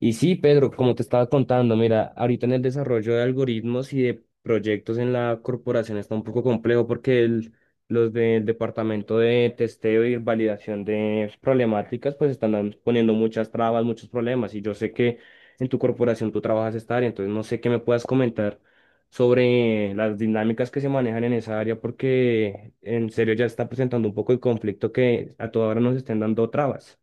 Y sí, Pedro, como te estaba contando, mira, ahorita en el desarrollo de algoritmos y de proyectos en la corporación está un poco complejo porque los del departamento de testeo y validación de problemáticas pues están poniendo muchas trabas, muchos problemas y yo sé que en tu corporación tú trabajas esta área, entonces no sé qué me puedas comentar sobre las dinámicas que se manejan en esa área porque en serio ya está presentando un poco el conflicto que a toda hora nos estén dando trabas.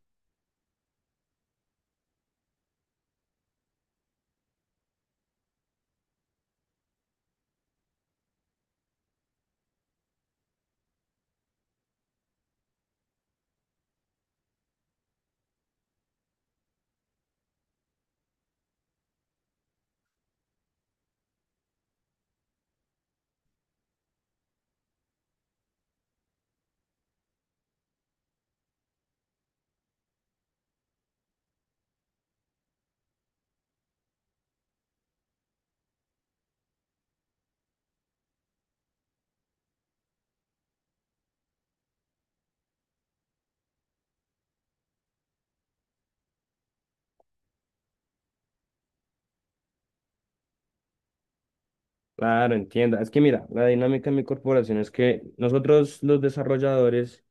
Claro, entienda. Es que mira, la dinámica de mi corporación es que nosotros los desarrolladores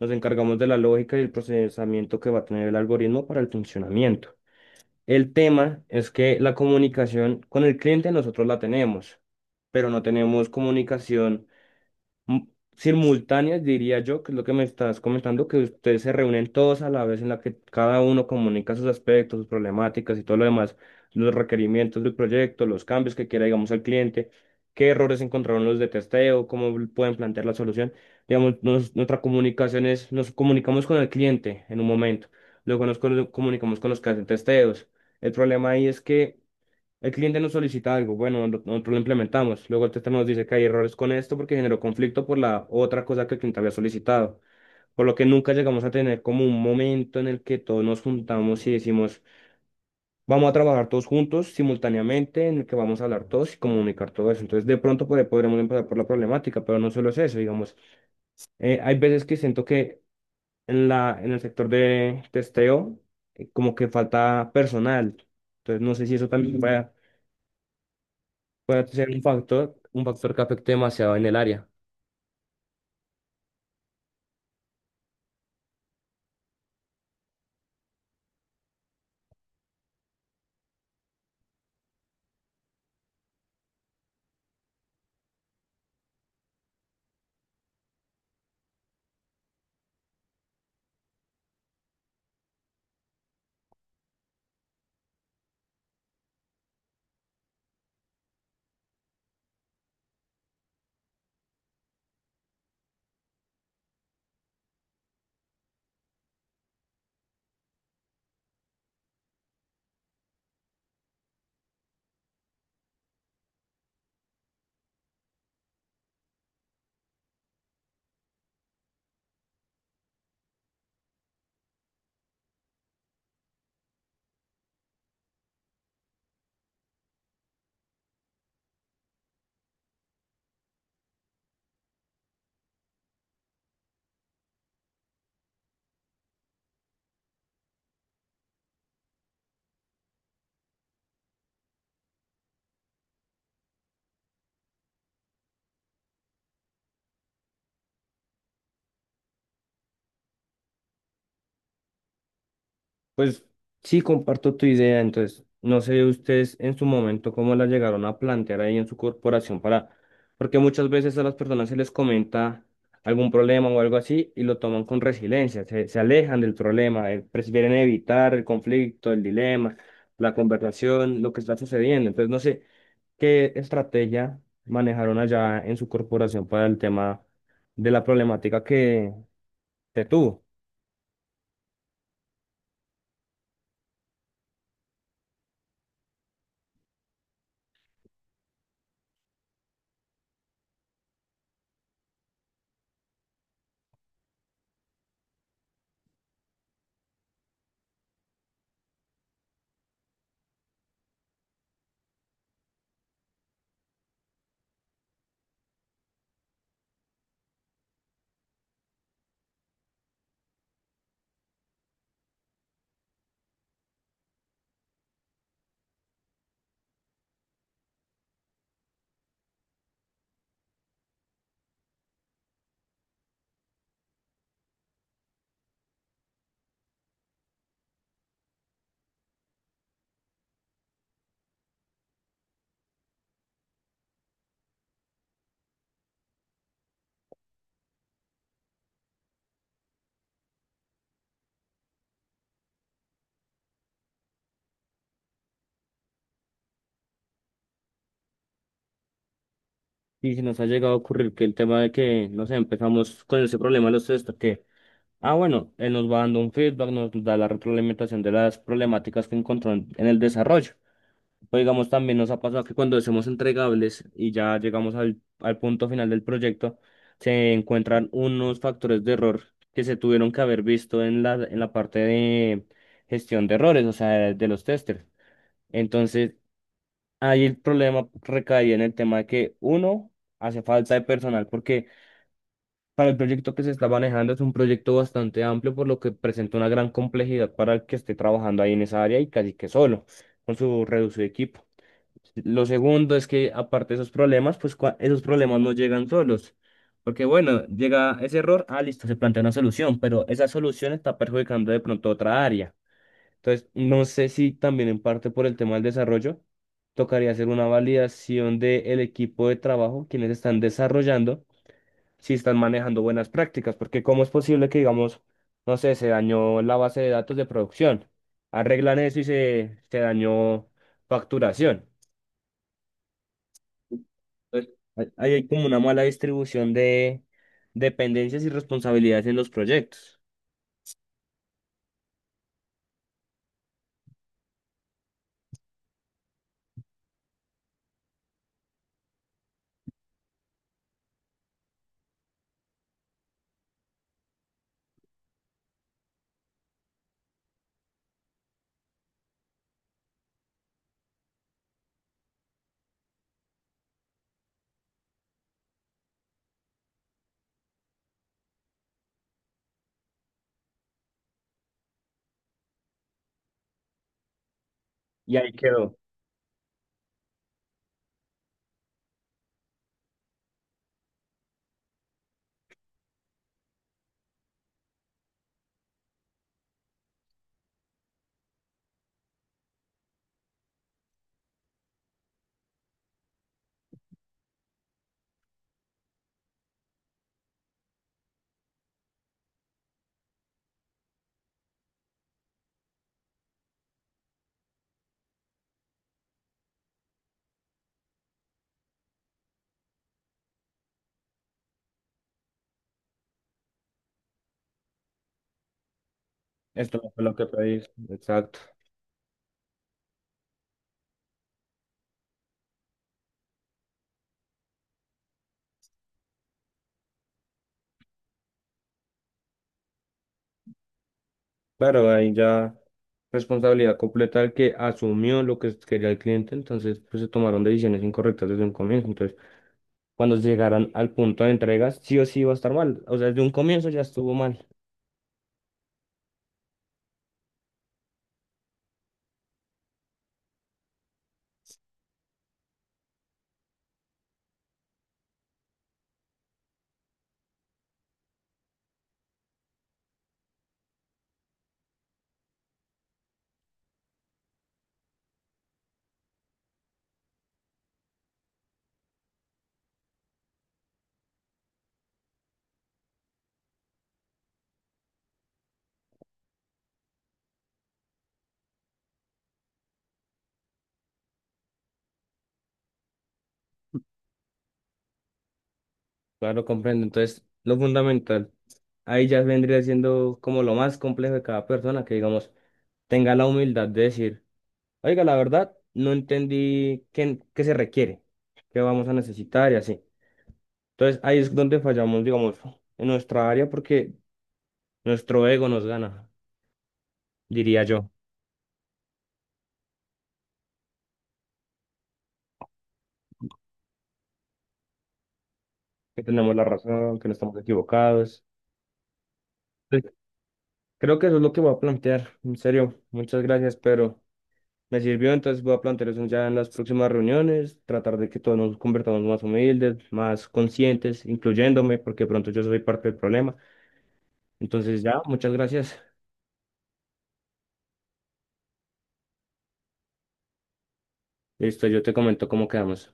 nos encargamos de la lógica y el procesamiento que va a tener el algoritmo para el funcionamiento. El tema es que la comunicación con el cliente nosotros la tenemos, pero no tenemos comunicación m- simultáneas, diría yo, que es lo que me estás comentando, que ustedes se reúnen todos a la vez en la que cada uno comunica sus aspectos, sus problemáticas y todo lo demás, los requerimientos del proyecto, los cambios que quiera, digamos, el cliente, qué errores encontraron los de testeo, cómo pueden plantear la solución. Digamos, nuestra comunicación es, nos comunicamos con el cliente en un momento, luego nos comunicamos con los que hacen testeos. El problema ahí es que el cliente nos solicita algo, bueno, nosotros lo implementamos. Luego el tester nos dice que hay errores con esto porque generó conflicto por la otra cosa que el cliente había solicitado. Por lo que nunca llegamos a tener como un momento en el que todos nos juntamos y decimos, vamos a trabajar todos juntos simultáneamente, en el que vamos a hablar todos y comunicar todo eso. Entonces, de pronto por ahí podremos empezar por la problemática, pero no solo es eso, digamos. Hay veces que siento que en la, en el sector de testeo, como que falta personal. Entonces, no sé si eso también pueda puede ser un factor que afecte demasiado en el área. Pues sí, comparto tu idea, entonces, no sé ustedes en su momento cómo la llegaron a plantear ahí en su corporación para, porque muchas veces a las personas se les comenta algún problema o algo así y lo toman con resiliencia, se alejan del problema, prefieren evitar el conflicto, el dilema, la conversación, lo que está sucediendo. Entonces, no sé qué estrategia manejaron allá en su corporación para el tema de la problemática que te tuvo. Y si nos ha llegado a ocurrir que el tema de que, no sé, empezamos con ese problema los test, que, ah, bueno, él nos va dando un feedback, nos da la retroalimentación de las problemáticas que encontró en el desarrollo. O digamos, también nos ha pasado que cuando hacemos entregables y ya llegamos al, al punto final del proyecto, se encuentran unos factores de error que se tuvieron que haber visto en la parte de gestión de errores, o sea, de los testers. Entonces, ahí el problema recaía en el tema de que, uno, hace falta de personal, porque para el proyecto que se está manejando es un proyecto bastante amplio, por lo que presenta una gran complejidad para el que esté trabajando ahí en esa área y casi que solo, con su reducido equipo. Lo segundo es que, aparte de esos problemas, pues esos problemas no llegan solos, porque bueno, llega ese error, ah, listo, se plantea una solución, pero esa solución está perjudicando de pronto otra área. Entonces, no sé si también en parte por el tema del desarrollo, tocaría hacer una validación del equipo de trabajo, quienes están desarrollando, si están manejando buenas prácticas, porque cómo es posible que, digamos, no sé, se dañó la base de datos de producción, arreglan eso y se dañó facturación. Entonces, ahí hay como una mala distribución de dependencias y responsabilidades en los proyectos. Y ahí quedó. Esto fue lo que pedí. Exacto. Claro, ahí ya responsabilidad completa del que asumió lo que quería el cliente, entonces pues se tomaron decisiones incorrectas desde un comienzo. Entonces, cuando llegaran al punto de entregas, sí o sí iba a estar mal. O sea, desde un comienzo ya estuvo mal. Claro, comprendo. Entonces, lo fundamental, ahí ya vendría siendo como lo más complejo de cada persona, que digamos, tenga la humildad de decir, oiga, la verdad, no entendí qué, qué se requiere, qué vamos a necesitar y así. Entonces, ahí es donde fallamos, digamos, en nuestra área, porque nuestro ego nos gana, diría yo, que tenemos la razón, que no estamos equivocados. Entonces, creo que eso es lo que voy a plantear. En serio, muchas gracias, pero me sirvió, entonces voy a plantear eso ya en las próximas reuniones, tratar de que todos nos convertamos más humildes, más conscientes, incluyéndome, porque pronto yo soy parte del problema. Entonces ya, muchas gracias. Listo, yo te comento cómo quedamos.